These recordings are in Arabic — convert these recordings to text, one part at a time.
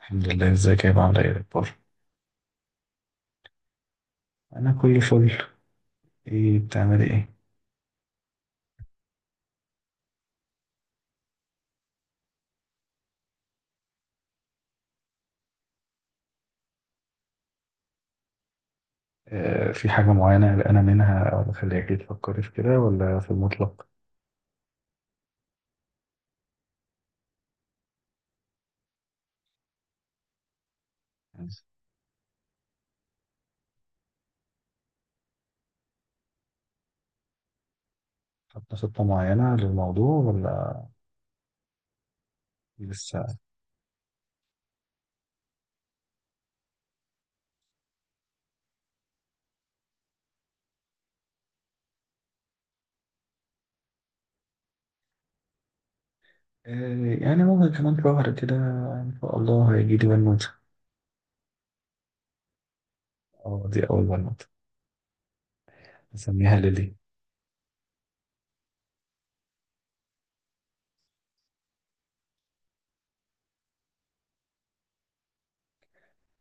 الحمد لله، ازيك يا عامل ايه الاخبار؟ انا كل فل. ايه بتعملي ايه؟ آه، في حاجه معينه قلقانه منها او مخليكي تفكري في كده ولا في المطلق؟ يعني حاطه خطه معينه للموضوع ولا لسه؟ آه، يعني ممكن كمان شهر كده ان شاء الله هيجي لي بنوته. اه، دي اول بنوته. هسميها ليلي.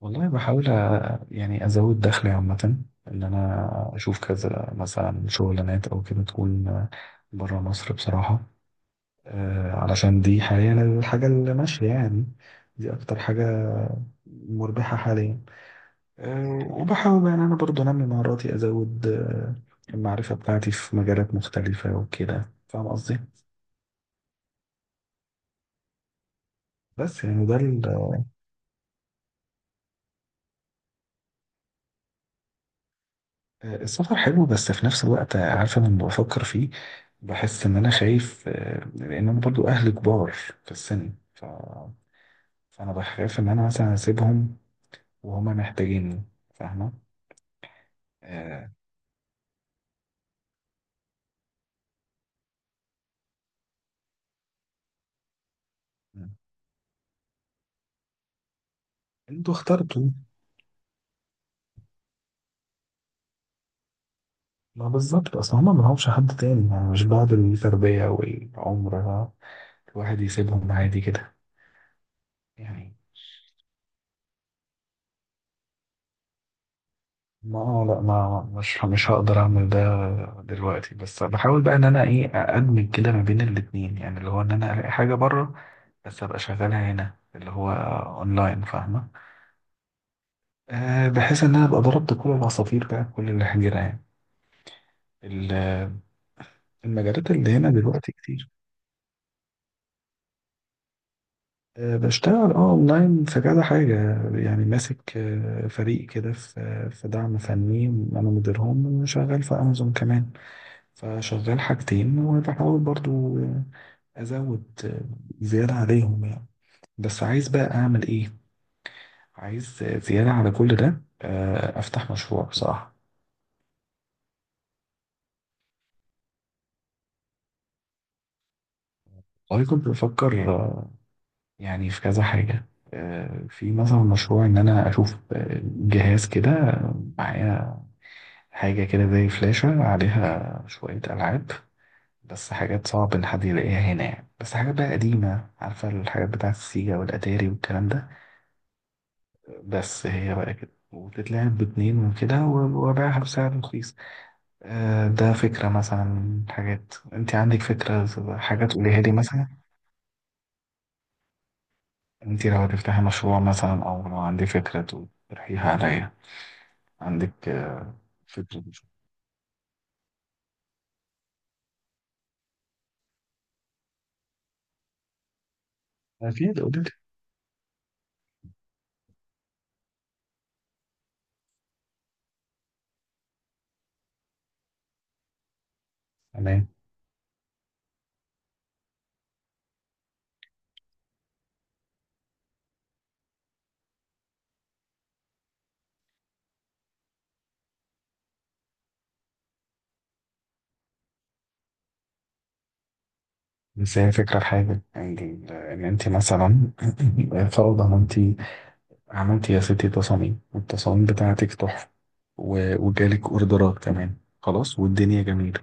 والله بحاول يعني ازود دخلي عامه. ان انا اشوف كذا مثلا شغلانات او كده تكون بره مصر بصراحه. علشان دي حاليا الحاجة اللي ماشية يعني. دي أكتر حاجة مربحة حاليا. وبحاول يعني أنا برضو أنمي مهاراتي، أزود المعرفة بتاعتي في مجالات مختلفة وكده، فاهم قصدي؟ بس يعني ده ال- آه، السفر حلو، بس في نفس الوقت عارفة لما بفكر فيه بحس إن أنا خايف، لأن أنا برضو أهلي كبار في السن فأنا بخاف إن أنا مثلا أسيبهم وهما محتاجيني، فاهمة؟ آه، انتوا اخترتوا. ما بالظبط، اصل هما ما لهمش حد تاني. يعني مش بعد التربية والعمر الواحد يسيبهم عادي كده يعني. ما مش هقدر اعمل ده دلوقتي. بس بحاول بقى ان انا ايه، ادمج كده ما بين الاتنين، يعني اللي هو ان انا الاقي حاجة بره بس ابقى شغالها هنا، اللي هو اونلاين، فاهمة؟ أه، بحيث ان انا ابقى ضربت كل العصافير بقى كل الحجرة يعني. ال- المجالات اللي هنا دلوقتي كتير. بشتغل اه اونلاين في كذا حاجة يعني. ماسك فريق كده في دعم فني، انا مديرهم، وشغال في امازون كمان. فشغال حاجتين، وبحاول برضو ازود زيادة عليهم يعني. بس عايز بقى اعمل ايه؟ عايز زيادة على كل ده افتح مشروع بصراحة. والله كنت بفكر يعني في كذا حاجة. في مثلا مشروع ان انا اشوف جهاز كده معايا، حاجة كده زي فلاشة عليها شوية ألعاب، بس حاجات صعب إن حد يلاقيها هنا يعني، بس حاجات بقى قديمة، عارفة الحاجات بتاعة السيجا والأتاري والكلام ده. بس هي بقى كده وتتلعب باتنين وكده وباعها بسعر رخيص. ده فكرة مثلا. حاجات انت عندك فكرة، حاجات قوليها لي مثلا. انت لو هتفتحي مشروع مثلا، او لو عندي فكرة تقترحيها عليا، عندك فكرة؟ أكيد قولي لي. تمام. بس هي فكرة في حاجة، إن إن أنت مثلا فرضا إن أنت عملتي يا ستي تصاميم، والتصاميم بتاعتك تحفة، وجالك أوردرات كمان، خلاص والدنيا جميلة.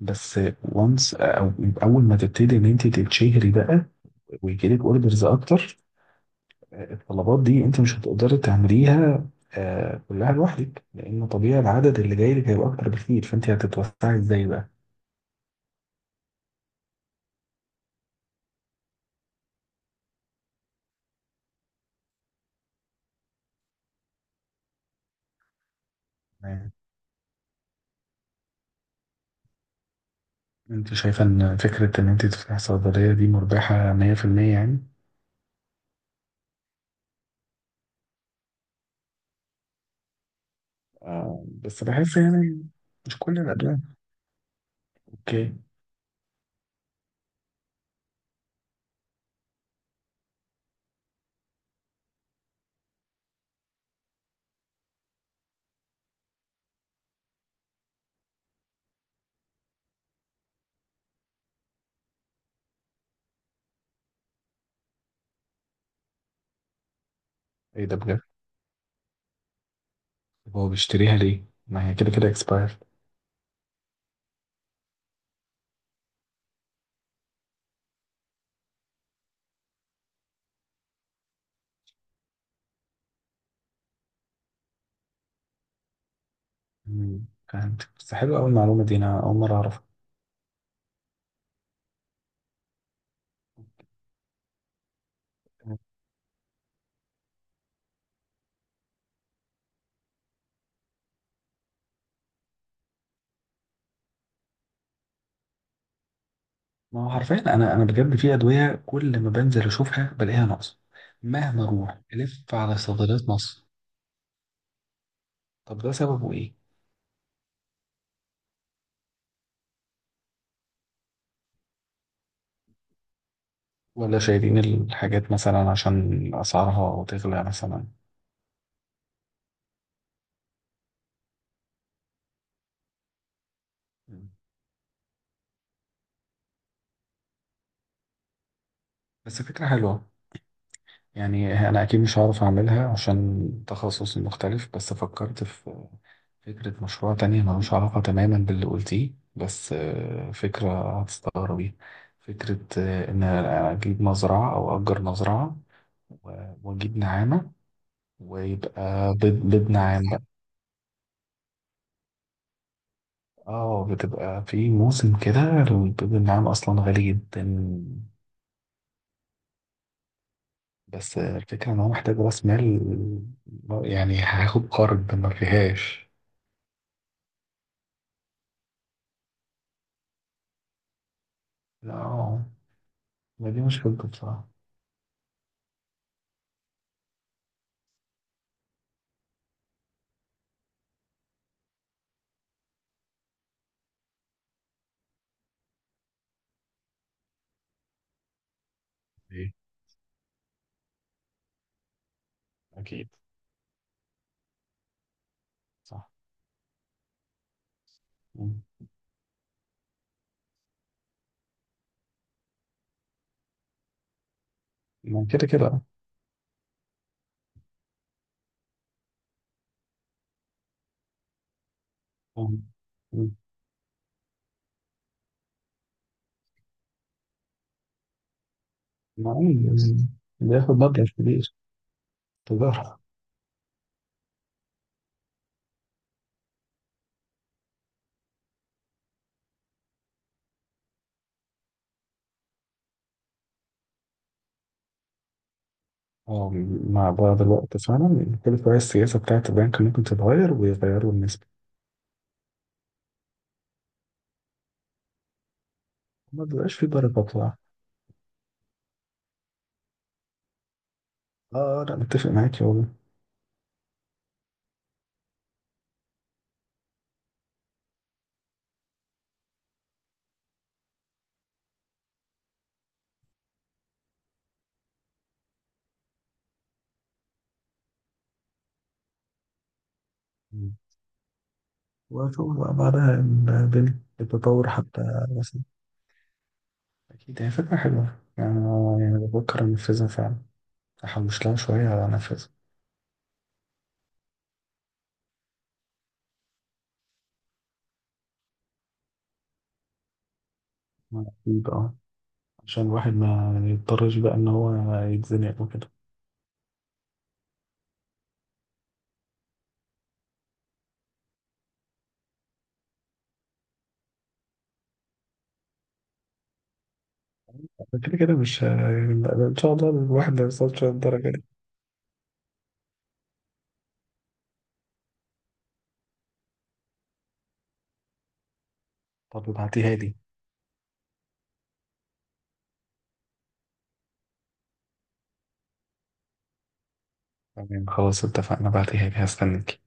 بس وانس، أو أول ما تبتدي إن أنت تتشهري بقى، ويجيلك أوردرز أكتر، الطلبات دي أنت مش هتقدري تعمليها كلها لوحدك، لأن طبيعي العدد اللي جاي لك هيبقى أكتر بكتير، فأنت هتتوسعي إزاي بقى؟ انت شايفة ان فكرة ان انت تفتحي صيدلية دي مربحة 100% يعني؟ آه، بس بحس يعني مش كل الأدوية. اوكي. ايه ده بجد؟ طب هو بيشتريها ليه؟ ما هي كده كده اكسبايرد. فهمت. بس حلو قوي المعلومة دي، انا اول مرة اعرفها. ما هو حرفيا انا بجد في ادوية كل ما بنزل اشوفها بلاقيها ناقصة، مهما اروح الف على صيدليات مصر. طب ده سببه ايه؟ ولا شايلين الحاجات مثلا عشان اسعارها تغلى مثلا؟ مم. بس فكرة حلوة. يعني أنا أكيد مش هعرف أعملها عشان تخصصي مختلف، بس فكرت في فكرة مشروع تانية ملوش علاقة تماما باللي قلتيه، بس فكرة هتستغربي. فكرة إن أنا أجيب مزرعة أو أجر مزرعة وأجيب نعامة، ويبقى بيض، بيض نعام بقى. اه، بتبقى في موسم كده البيض النعام أصلا غالي جدا. بس الفكرة إن هو محتاج رأس مال، يعني هاخد قرض ما فيهاش. لا، ما دي مشكلته بصراحة. ايه. أكيد. صح. مم. ما كده كده أه. مم. مم. ما هو اللي بياخد مبلغ كبير. تجارة. أه، مع بعض الوقت فعلا كل شوية السياسة بتاعة البنك ممكن تتغير ويغيروا النسبة. ما بيبقاش في بركة بصراحة. أه، لا متفق معاك يا والله. مم. وأشوف بقى بعدها البنك، التطور حتى مثلا. أكيد هي فكرة حلوة، يعني أنا يعني بفكر أنفذها فعلا، أحوش لها شوية وأنفذها. أكيد أه، عشان الواحد ما يضطرش بقى ان هو يتزنق وكده. كده كده مش ه- ان شاء الله الواحد ما يوصلش للدرجة دي. طب ابعتيها لي. تمام، خلاص اتفقنا، ابعتيها لي، هستنك.